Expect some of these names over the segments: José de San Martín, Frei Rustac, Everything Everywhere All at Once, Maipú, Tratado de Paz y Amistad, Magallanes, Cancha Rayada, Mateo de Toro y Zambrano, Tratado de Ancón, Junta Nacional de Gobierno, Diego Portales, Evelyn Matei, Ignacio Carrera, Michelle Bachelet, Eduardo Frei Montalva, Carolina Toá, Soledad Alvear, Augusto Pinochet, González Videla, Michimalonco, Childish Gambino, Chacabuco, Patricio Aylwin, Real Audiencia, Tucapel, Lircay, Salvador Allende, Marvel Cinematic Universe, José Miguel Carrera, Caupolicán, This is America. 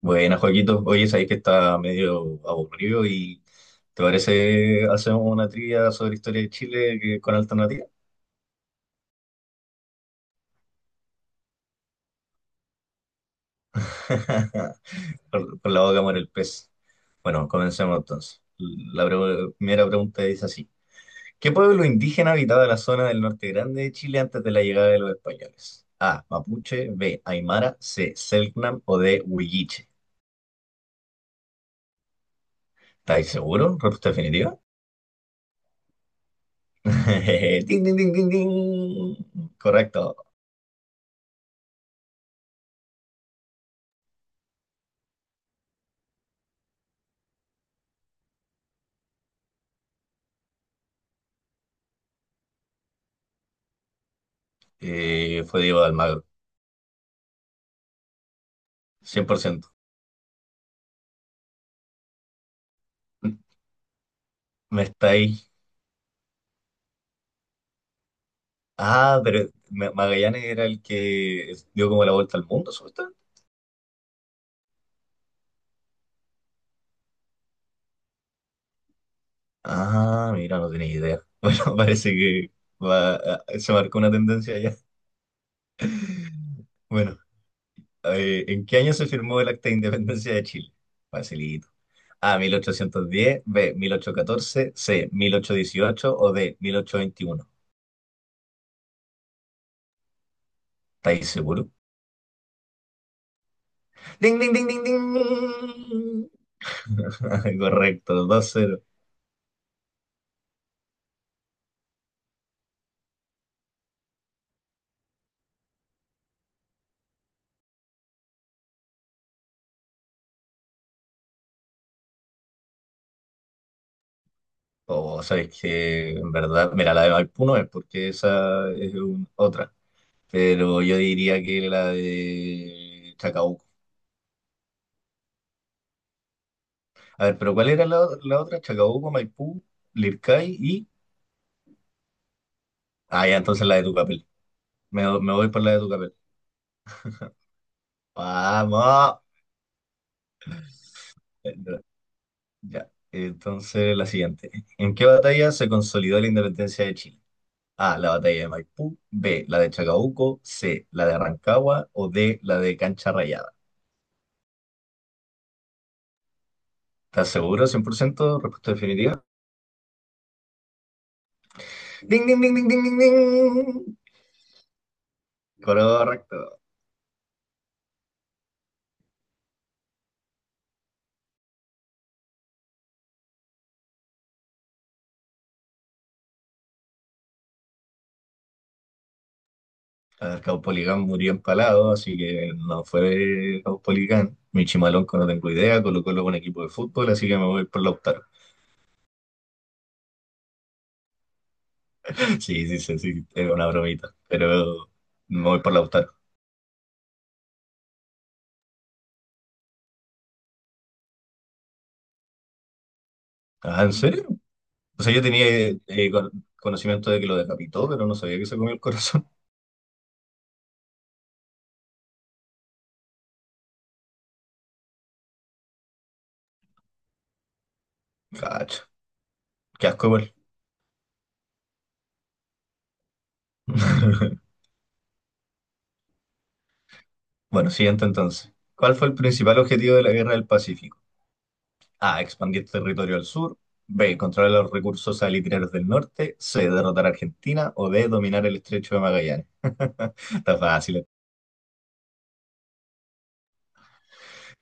Buena, Joaquito. Oye, sabéis que está medio aburrido y ¿te parece hacemos una trivia sobre historia de Chile con alternativa? Por con la boca muere el pez. Bueno, comencemos entonces. La primera pregunta dice así. ¿Qué pueblo indígena habitaba la zona del norte grande de Chile antes de la llegada de los españoles? A. Mapuche. B. Aymara. C. Selknam. O D. Huilliche. ¿Estáis seguros? ¿Respuesta definitiva? Ding, ding, ding, ding, ding. Correcto. Fue Diego de Almagro, 100%. Me estáis. Ah, pero Magallanes era el que dio como la vuelta al mundo, supuestamente. Ah, mira, no tenía idea. Bueno, parece que se marcó una tendencia ya. Bueno, ¿en qué año se firmó el Acta de Independencia de Chile? Facilito. A, 1810, B, 1814, C, 1818 o D, 1821. ¿Estáis seguros? Ding, ding, ding, ding, ding. Correcto, 2-0. O sabes que en verdad, mira, la de Maipú no es porque esa es otra, pero yo diría que la de Chacabuco. A ver, pero ¿cuál era la otra? Chacabuco, Maipú, Lircay y... Ah, ya, entonces la de Tucapel. Me voy por la de Tucapel. ¡Vamos! Eh, Ya, entonces la siguiente. ¿En qué batalla se consolidó la independencia de Chile? A, la batalla de Maipú, B, la de Chacabuco, C, la de Rancagua o D, la de Cancha Rayada. ¿Estás seguro? 100%. ¿Respuesta definitiva? ¡Ding, ding, ding, ding, ding, ding, ding! Correcto. A ver, Caupolicán murió empalado, así que no fue Caupolicán. Michimalonco no tengo idea, Colo Colo es un equipo de fútbol, así que me voy por Lautaro. Sí, sí, sí, sí, era una bromita, pero me voy por Lautaro. Ah, ¿en serio? O sea, yo tenía conocimiento de que lo decapitó, pero no sabía que se comió el corazón. Cacho, qué asco igual. Bueno, siguiente entonces. ¿Cuál fue el principal objetivo de la Guerra del Pacífico? A. Expandir territorio al sur. B. Controlar los recursos salitrarios del norte. C. Derrotar a Argentina. O D. Dominar el estrecho de Magallanes. Está fácil.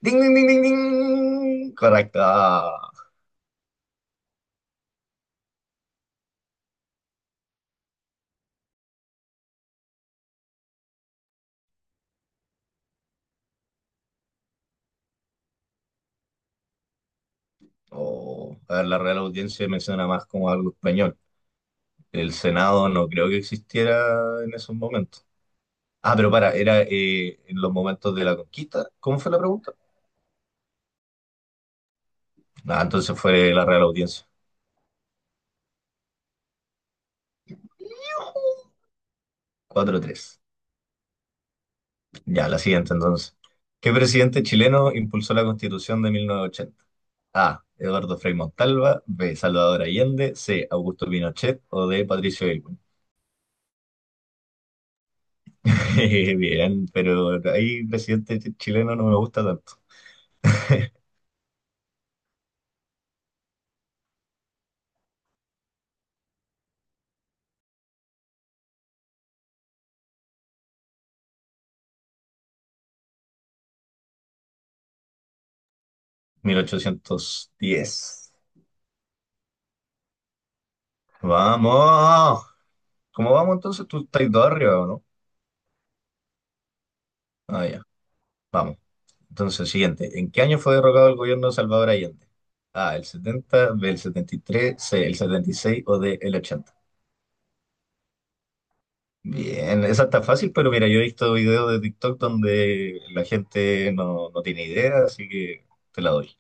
¡Ding, ding, ding, ding, ding! Correcto. Oh, a ver, la Real Audiencia menciona más como algo español. El Senado no creo que existiera en esos momentos. Ah, pero para, era en los momentos de la conquista. ¿Cómo fue la pregunta? Ah, entonces fue la Real Audiencia. 4-3. Ya, la siguiente entonces. ¿Qué presidente chileno impulsó la Constitución de 1980? A. Eduardo Frei Montalva. B. Salvador Allende. C. Augusto Pinochet. O D. Patricio Aylwin. Bien, pero ahí presidente chileno no me gusta tanto. 1810. ¡Vamos! ¿Cómo vamos entonces? ¿Tú estás dos arriba o no? Ah, ya. Vamos. Entonces, siguiente. ¿En qué año fue derrocado el gobierno de Salvador Allende? A, el 70, B, el 73, C, el 76 o D, el 80. Bien, esa está fácil, pero mira, yo he visto videos de TikTok donde la gente no tiene idea, así que te la doy.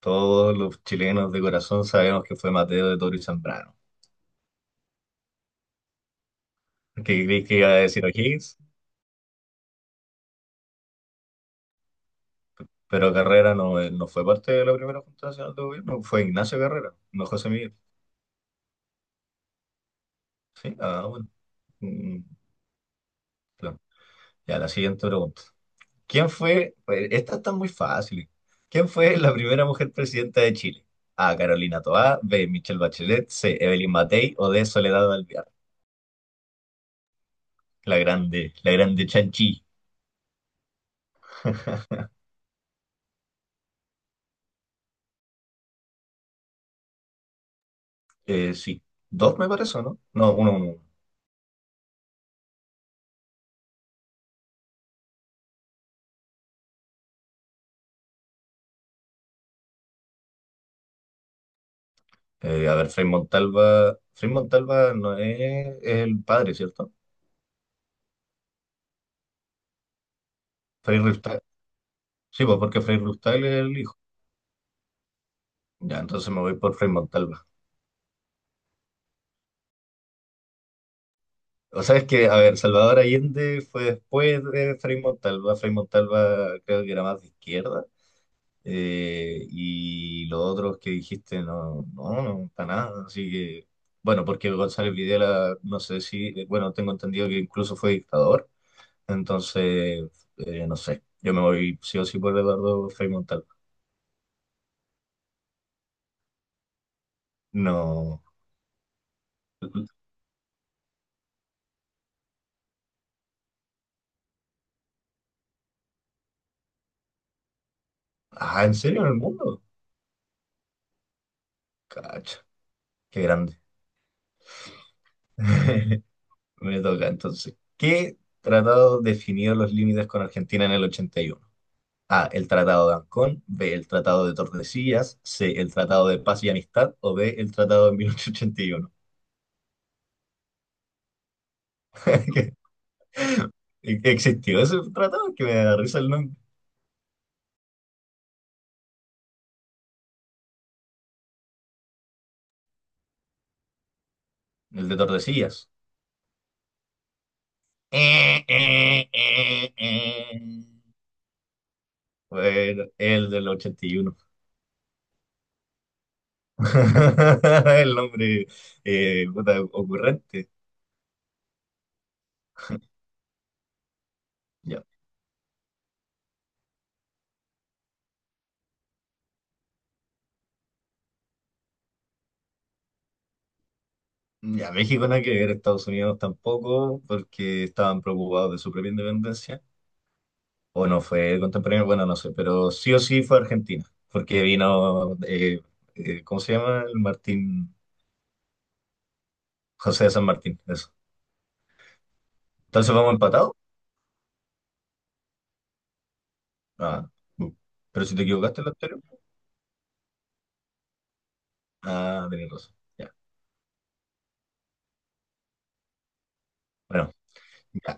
Todos los chilenos de corazón sabemos que fue Mateo de Toro y Zambrano. Que creí que iba a decir O'Higgins, pero Carrera no, no fue parte de la primera Junta Nacional de Gobierno, fue Ignacio Carrera, no José Miguel. Sí, ah, bueno. Mm, claro. Ya, la siguiente pregunta. ¿Quién fue? Pues, esta está muy fácil. ¿Quién fue la primera mujer presidenta de Chile? A. Carolina Toá, B. Michelle Bachelet, C. Evelyn Matei o D. Soledad Alvear. La grande Chanchi. Sí, dos me parece, ¿no? No, uno, uno. Uno. A ver, Frei Montalva. Frei Montalva no es el padre, ¿cierto? Frei Rustac. Sí, pues porque Frei Rustac es el hijo. Ya, entonces me voy por Frei Montalva. O sea, es que, a ver, Salvador Allende fue después de Frei Montalva. Frei Montalva creo que era más de izquierda. Y los otros que dijiste, no, no, no, para nada. Así que, bueno, porque González Videla, no sé si, bueno, tengo entendido que incluso fue dictador. Entonces, no sé, yo me voy sí o sí por Eduardo Frei Montalva. No. Ah, ¿en serio? ¿En el mundo? Cacha, qué grande. Me toca entonces. ¿Qué tratado definió los límites con Argentina en el ochenta y uno? A. El Tratado de Ancón. B. El Tratado de Tordesillas. C. El Tratado de Paz y Amistad. O D. El Tratado de 1881. ¿Qué- ¿Existió ese tratado? Que me da risa el nombre. El de Tordesillas. Eh, eh, eh, eh. Bueno, el del 81. El nombre, puta, ocurrente. Ya. Ya, México nada que ver, Estados Unidos tampoco, porque estaban preocupados de su propia independencia. O no fue contemporáneo, bueno, no sé, pero sí o sí fue Argentina, porque vino, ¿cómo se llama? El Martín, José de San Martín, eso. Entonces vamos empatados. Ah, bu. Pero si te equivocaste en lo anterior, ah, tenías razón. Ya, bueno. Ya.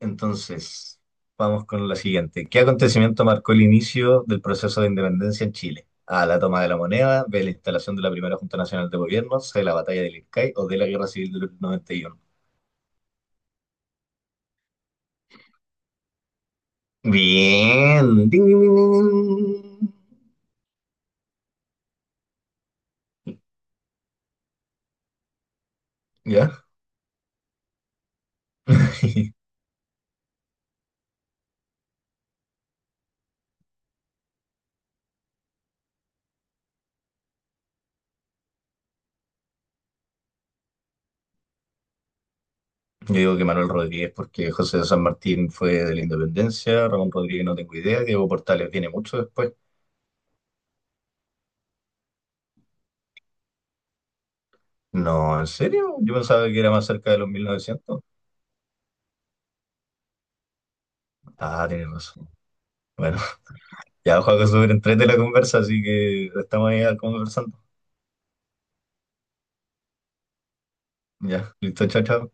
Entonces, vamos con la siguiente. ¿Qué acontecimiento marcó el inicio del proceso de independencia en Chile? A, la toma de la moneda, B, la instalación de la primera Junta Nacional de Gobierno, C, la batalla del Ircay o D, la Guerra Civil del 91. Bien. Ding, ding, ding, ding, ding. ¿Ya? Yo digo que Manuel Rodríguez porque José de San Martín fue de la Independencia, Ramón Rodríguez no tengo idea, Diego Portales viene mucho después. No, ¿en serio? Yo pensaba que era más cerca de los 1900. Ah, tienes razón. Bueno. Ya, Juaco, súper entrete la conversa, así que estamos ahí conversando. Ya, listo, chao, chao.